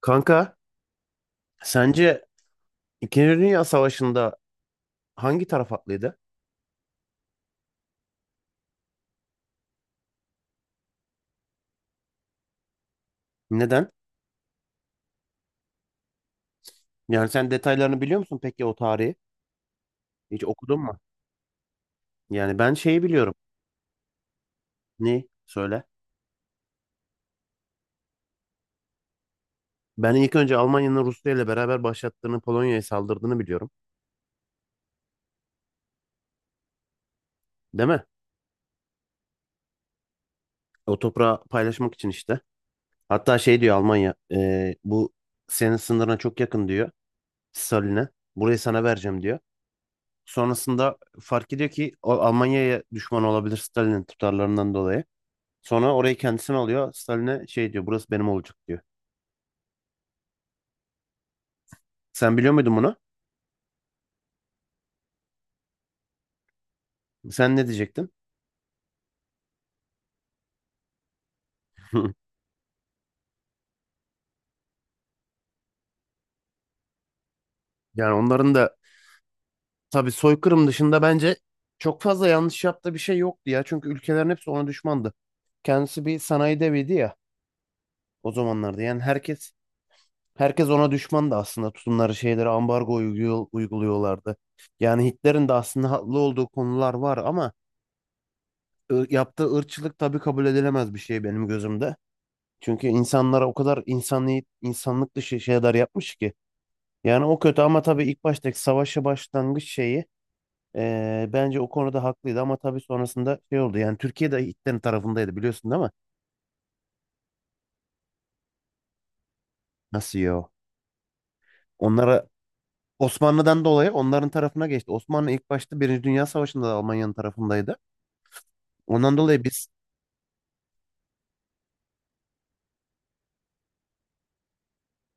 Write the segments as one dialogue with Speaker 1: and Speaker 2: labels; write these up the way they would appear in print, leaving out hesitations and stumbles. Speaker 1: Kanka, sence İkinci Dünya Savaşı'nda hangi taraf haklıydı? Neden? Yani sen detaylarını biliyor musun peki o tarihi? Hiç okudun mu? Yani ben şeyi biliyorum. Ne? Söyle. Ben ilk önce Almanya'nın Rusya ile beraber başlattığını, Polonya'ya saldırdığını biliyorum. Değil mi? O toprağı paylaşmak için işte. Hatta şey diyor Almanya, bu senin sınırına çok yakın diyor Stalin'e. Burayı sana vereceğim diyor. Sonrasında fark ediyor ki o Almanya'ya düşman olabilir Stalin'in tutarlarından dolayı. Sonra orayı kendisine alıyor. Stalin'e şey diyor burası benim olacak diyor. Sen biliyor muydun bunu? Sen ne diyecektin? Yani onların da tabii soykırım dışında bence çok fazla yanlış yaptığı bir şey yoktu ya. Çünkü ülkelerin hepsi ona düşmandı. Kendisi bir sanayi deviydi ya o zamanlarda. Yani herkes ona düşmandı aslında. Tutumları şeyleri ambargo uyguluyorlardı. Yani Hitler'in de aslında haklı olduğu konular var ama yaptığı ırkçılık tabii kabul edilemez bir şey benim gözümde. Çünkü insanlara o kadar insani, insanlık dışı şeyler yapmış ki. Yani o kötü ama tabii ilk baştaki savaşa başlangıç şeyi bence o konuda haklıydı ama tabii sonrasında şey oldu. Yani Türkiye de Hitler'in tarafındaydı biliyorsun değil mi? Nasıl ya? Onlara Osmanlı'dan dolayı onların tarafına geçti. Osmanlı ilk başta Birinci Dünya Savaşı'nda da Almanya'nın tarafındaydı. Ondan dolayı biz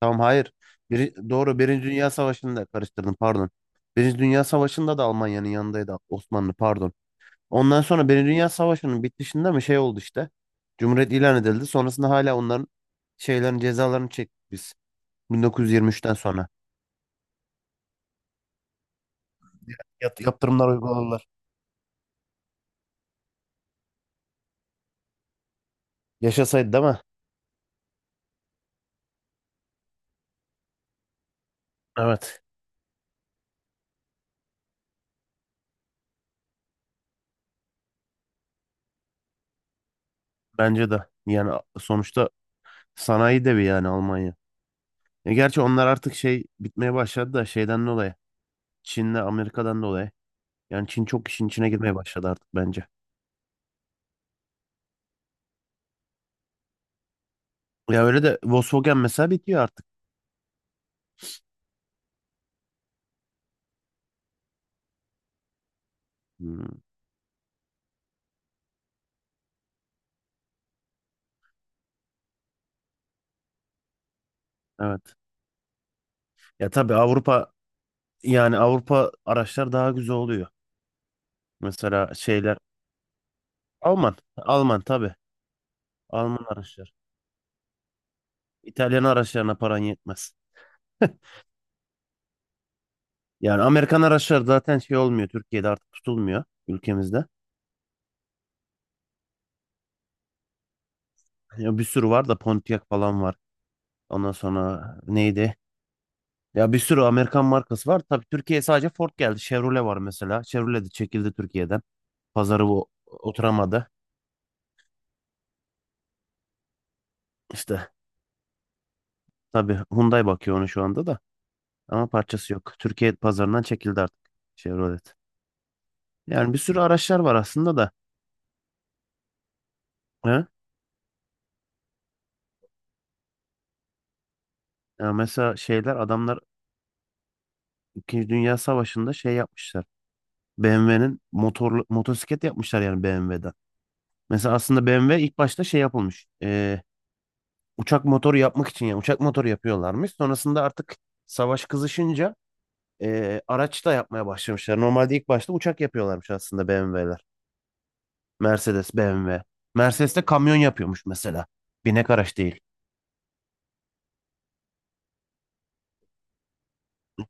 Speaker 1: tamam hayır. Doğru, Birinci Dünya Savaşı'nda karıştırdım, pardon. Birinci Dünya Savaşı'nda da Almanya'nın yanındaydı Osmanlı, pardon. Ondan sonra Birinci Dünya Savaşı'nın bitişinde mi şey oldu işte. Cumhuriyet ilan edildi. Sonrasında hala onların şeylerin cezalarını çektik biz. 1923'ten sonra. Yaptırımlar uyguladılar. Yaşasaydı değil mi? Evet. Bence de. Yani sonuçta sanayi devi yani Almanya. E gerçi onlar artık şey bitmeye başladı da şeyden dolayı. Çin'le Amerika'dan dolayı. Yani Çin çok işin içine girmeye başladı artık bence. Ya öyle de Volkswagen mesela bitiyor artık. Hmm, evet. Ya tabii Avrupa yani Avrupa araçlar daha güzel oluyor. Mesela şeyler Alman. Alman tabii. Alman araçlar. İtalyan araçlarına paran yetmez. Yani Amerikan araçlar zaten şey olmuyor. Türkiye'de artık tutulmuyor ülkemizde. Ya bir sürü var da Pontiac falan var. Ondan sonra neydi? Ya bir sürü Amerikan markası var. Tabii Türkiye'ye sadece Ford geldi. Chevrolet var mesela. Chevrolet de çekildi Türkiye'den. Pazarı bu oturamadı. İşte tabii Hyundai bakıyor onu şu anda da. Ama parçası yok. Türkiye pazarından çekildi artık Chevrolet. Yani bir sürü araçlar var aslında da. He? Ya mesela şeyler adamlar İkinci Dünya Savaşı'nda şey yapmışlar. BMW'nin motorlu motosiklet yapmışlar yani BMW'den. Mesela aslında BMW ilk başta şey yapılmış. Uçak motoru yapmak için yani uçak motoru yapıyorlarmış. Sonrasında artık savaş kızışınca araç da yapmaya başlamışlar. Normalde ilk başta uçak yapıyorlarmış aslında BMW'ler. Mercedes, BMW. Mercedes de kamyon yapıyormuş mesela. Binek araç değil.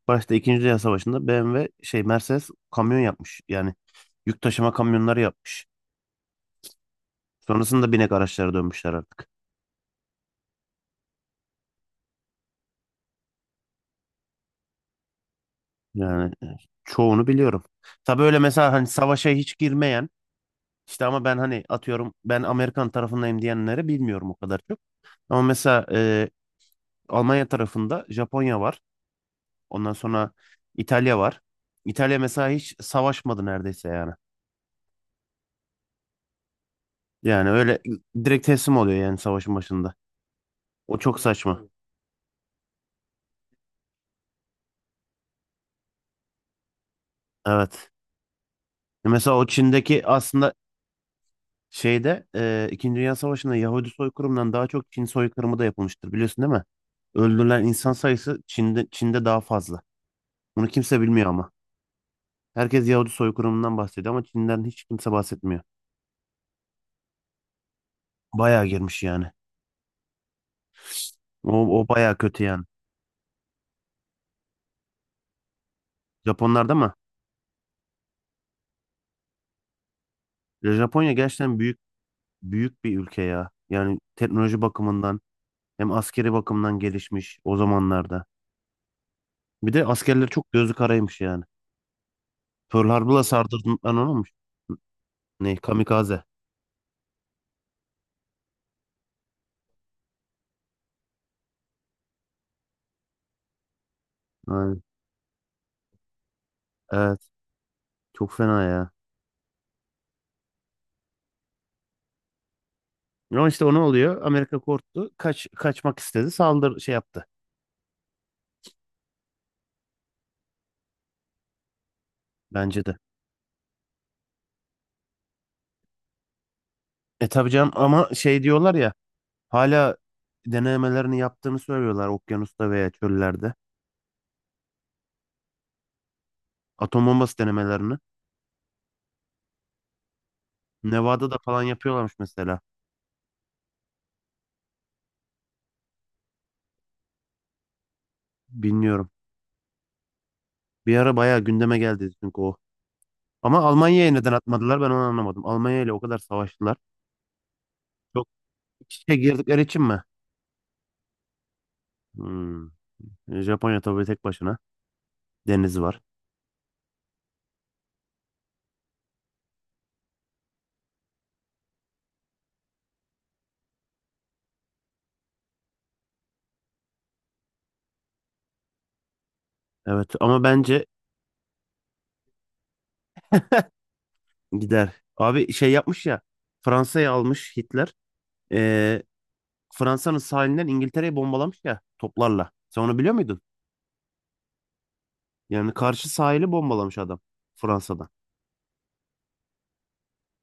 Speaker 1: Başta İkinci Dünya Savaşı'nda BMW şey Mercedes kamyon yapmış. Yani yük taşıma kamyonları yapmış. Sonrasında binek araçlara dönmüşler artık. Yani çoğunu biliyorum. Tabii öyle mesela hani savaşa hiç girmeyen işte ama ben hani atıyorum ben Amerikan tarafındayım diyenleri bilmiyorum o kadar çok. Ama mesela Almanya tarafında Japonya var. Ondan sonra İtalya var. İtalya mesela hiç savaşmadı neredeyse yani. Yani öyle direkt teslim oluyor yani savaşın başında. O çok saçma. Evet. Mesela o Çin'deki aslında şeyde İkinci Dünya Savaşı'nda Yahudi soykırımından daha çok Çin soykırımı da yapılmıştır biliyorsun değil mi? Öldürülen insan sayısı Çin'de, Çin'de daha fazla. Bunu kimse bilmiyor ama. Herkes Yahudi soykırımından bahsediyor ama Çin'den hiç kimse bahsetmiyor. Bayağı girmiş yani. O bayağı kötü yani. Japonlarda mı? Ya Japonya gerçekten büyük büyük bir ülke ya. Yani teknoloji bakımından hem askeri bakımdan gelişmiş o zamanlarda. Bir de askerleri çok gözü karaymış yani. Pearl Harbor'la sardırdıklarını olmuş. Ne? Kamikaze. Ha. Evet, çok fena ya. Ama işte o ne oluyor? Amerika korktu. Kaçmak istedi. Saldır şey yaptı bence de. E tabii canım ama şey diyorlar ya hala denemelerini yaptığını söylüyorlar okyanusta veya çöllerde. Atom bombası denemelerini. Nevada'da falan yapıyorlarmış mesela. Bilmiyorum. Bir ara bayağı gündeme geldi çünkü o. Ama Almanya'ya neden atmadılar ben onu anlamadım. Almanya ile o kadar savaştılar. Çok iç içe girdikleri için mi? Hmm. Japonya tabii tek başına denizi var. Evet ama bence gider. Abi şey yapmış ya. Fransa'yı almış Hitler. Ee, Fransa'nın sahilinden İngiltere'yi bombalamış ya toplarla. Sen onu biliyor muydun? Yani karşı sahili bombalamış adam Fransa'da.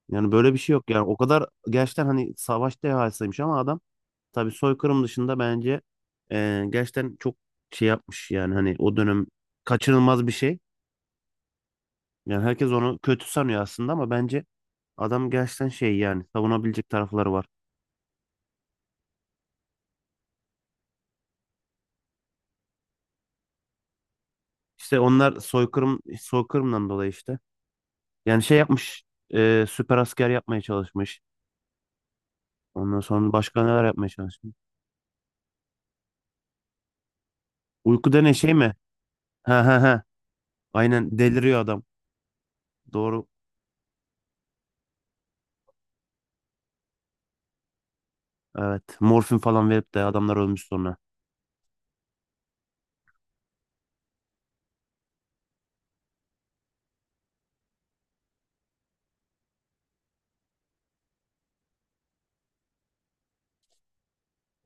Speaker 1: Yani böyle bir şey yok. Yani o kadar gerçekten hani savaş dehasıymış ama adam tabii soykırım dışında bence gerçekten çok şey yapmış. Yani hani o dönem kaçınılmaz bir şey. Yani herkes onu kötü sanıyor aslında ama bence adam gerçekten şey yani savunabilecek tarafları var. İşte onlar soykırımdan dolayı işte. Yani şey yapmış. Süper asker yapmaya çalışmış. Ondan sonra başka neler yapmaya çalışmış. Uyku denen şey mi? Ha ha ha. Aynen deliriyor adam. Doğru. Evet. Morfin falan verip de adamlar ölmüş sonra.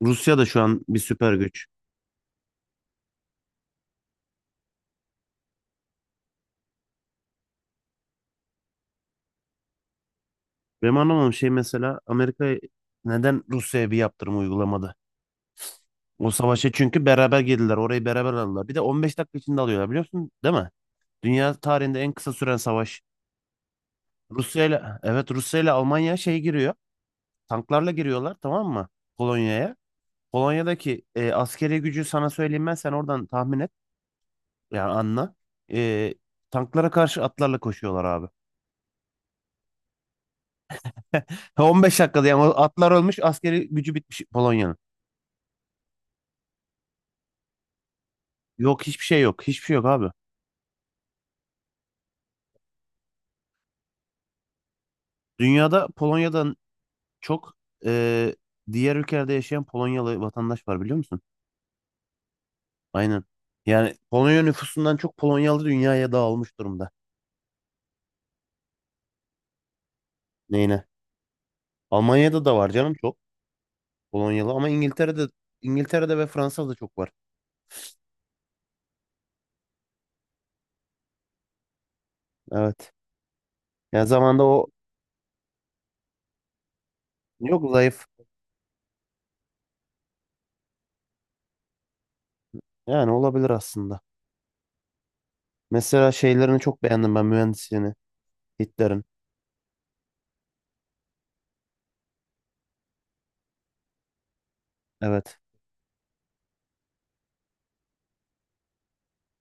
Speaker 1: Rusya da şu an bir süper güç. Benim anlamadığım şey mesela Amerika neden Rusya'ya bir yaptırım uygulamadı? O savaşa çünkü beraber girdiler. Orayı beraber aldılar. Bir de 15 dakika içinde alıyorlar biliyor musun? Değil mi? Dünya tarihinde en kısa süren savaş. Rusya ile evet Rusya ile Almanya şey giriyor. Tanklarla giriyorlar, tamam mı? Polonya'ya. Polonya'daki askeri gücü sana söyleyeyim, ben sen oradan tahmin et. Yani anla. E, tanklara karşı atlarla koşuyorlar abi. 15 dakikada yani o atlar ölmüş askeri gücü bitmiş Polonya'nın. Yok hiçbir şey yok. Hiçbir şey yok abi. Dünyada Polonya'dan çok e, diğer ülkelerde yaşayan Polonyalı vatandaş var biliyor musun? Aynen. Yani Polonya nüfusundan çok Polonyalı dünyaya dağılmış durumda. Neyine? Almanya'da da var canım çok. Polonyalı ama İngiltere'de ve Fransa'da çok var. Evet. Yani zamanda o yok zayıf. Yani olabilir aslında. Mesela şeylerini çok beğendim ben mühendisliğini. Hitler'in. Evet.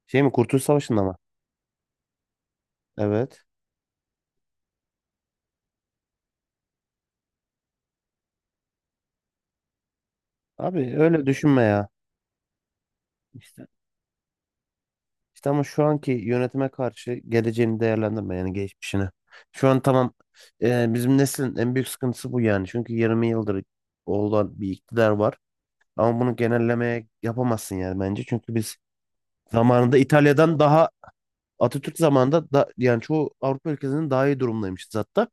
Speaker 1: Şey mi Kurtuluş Savaşı'nda mı? Evet. Abi öyle düşünme ya. İşte, işte ama şu anki yönetime karşı geleceğini değerlendirme yani geçmişini. Şu an tamam bizim neslin en büyük sıkıntısı bu yani. Çünkü 20 yıldır olan bir iktidar var. Ama bunu genellemeye yapamazsın yani bence. Çünkü biz zamanında İtalya'dan daha Atatürk zamanında da, yani çoğu Avrupa ülkesinin daha iyi durumdaymışız hatta.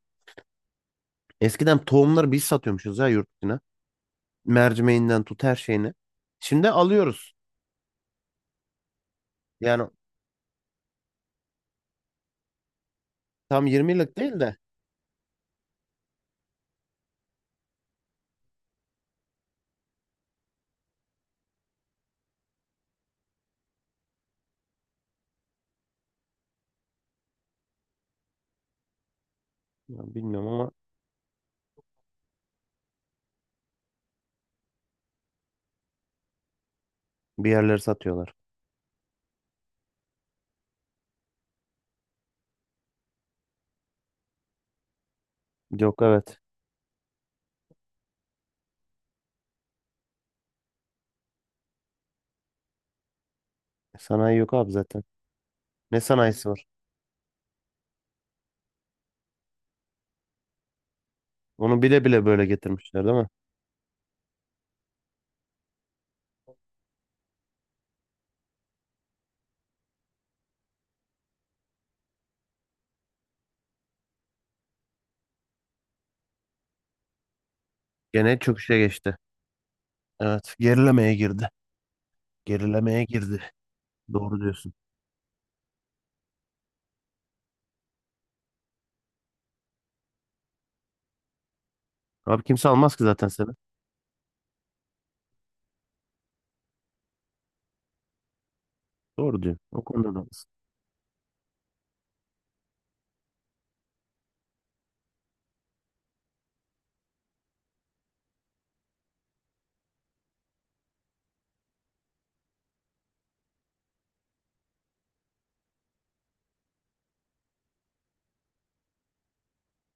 Speaker 1: Eskiden tohumları biz satıyormuşuz ya yurt dışına. Mercimeğinden tut her şeyini. Şimdi alıyoruz. Yani tam 20 yıllık değil de ya bilmiyorum ama bir yerleri satıyorlar. Yok evet. Sanayi yok abi zaten. Ne sanayisi var? Onu bile bile böyle getirmişler değil mi? Gene çöküşe geçti. Evet. Gerilemeye girdi. Gerilemeye girdi. Doğru diyorsun. Abi kimse almaz ki zaten seni. Doğru diyorsun. O konuda da haklısın.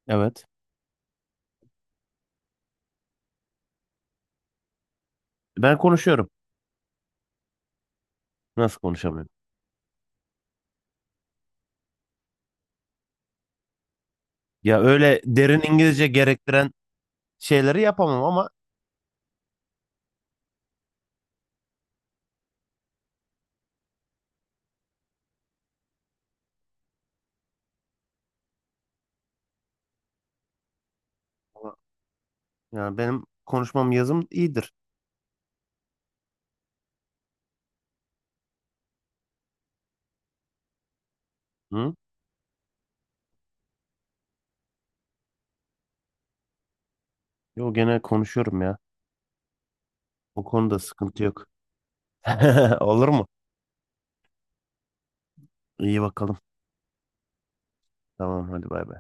Speaker 1: Evet. Ben konuşuyorum. Nasıl konuşamıyorum? Ya öyle derin İngilizce gerektiren şeyleri yapamam ama yani benim konuşmam yazım iyidir. Hı? Yo gene konuşuyorum ya. O konuda sıkıntı yok. Olur mu? İyi bakalım. Tamam hadi bay bay.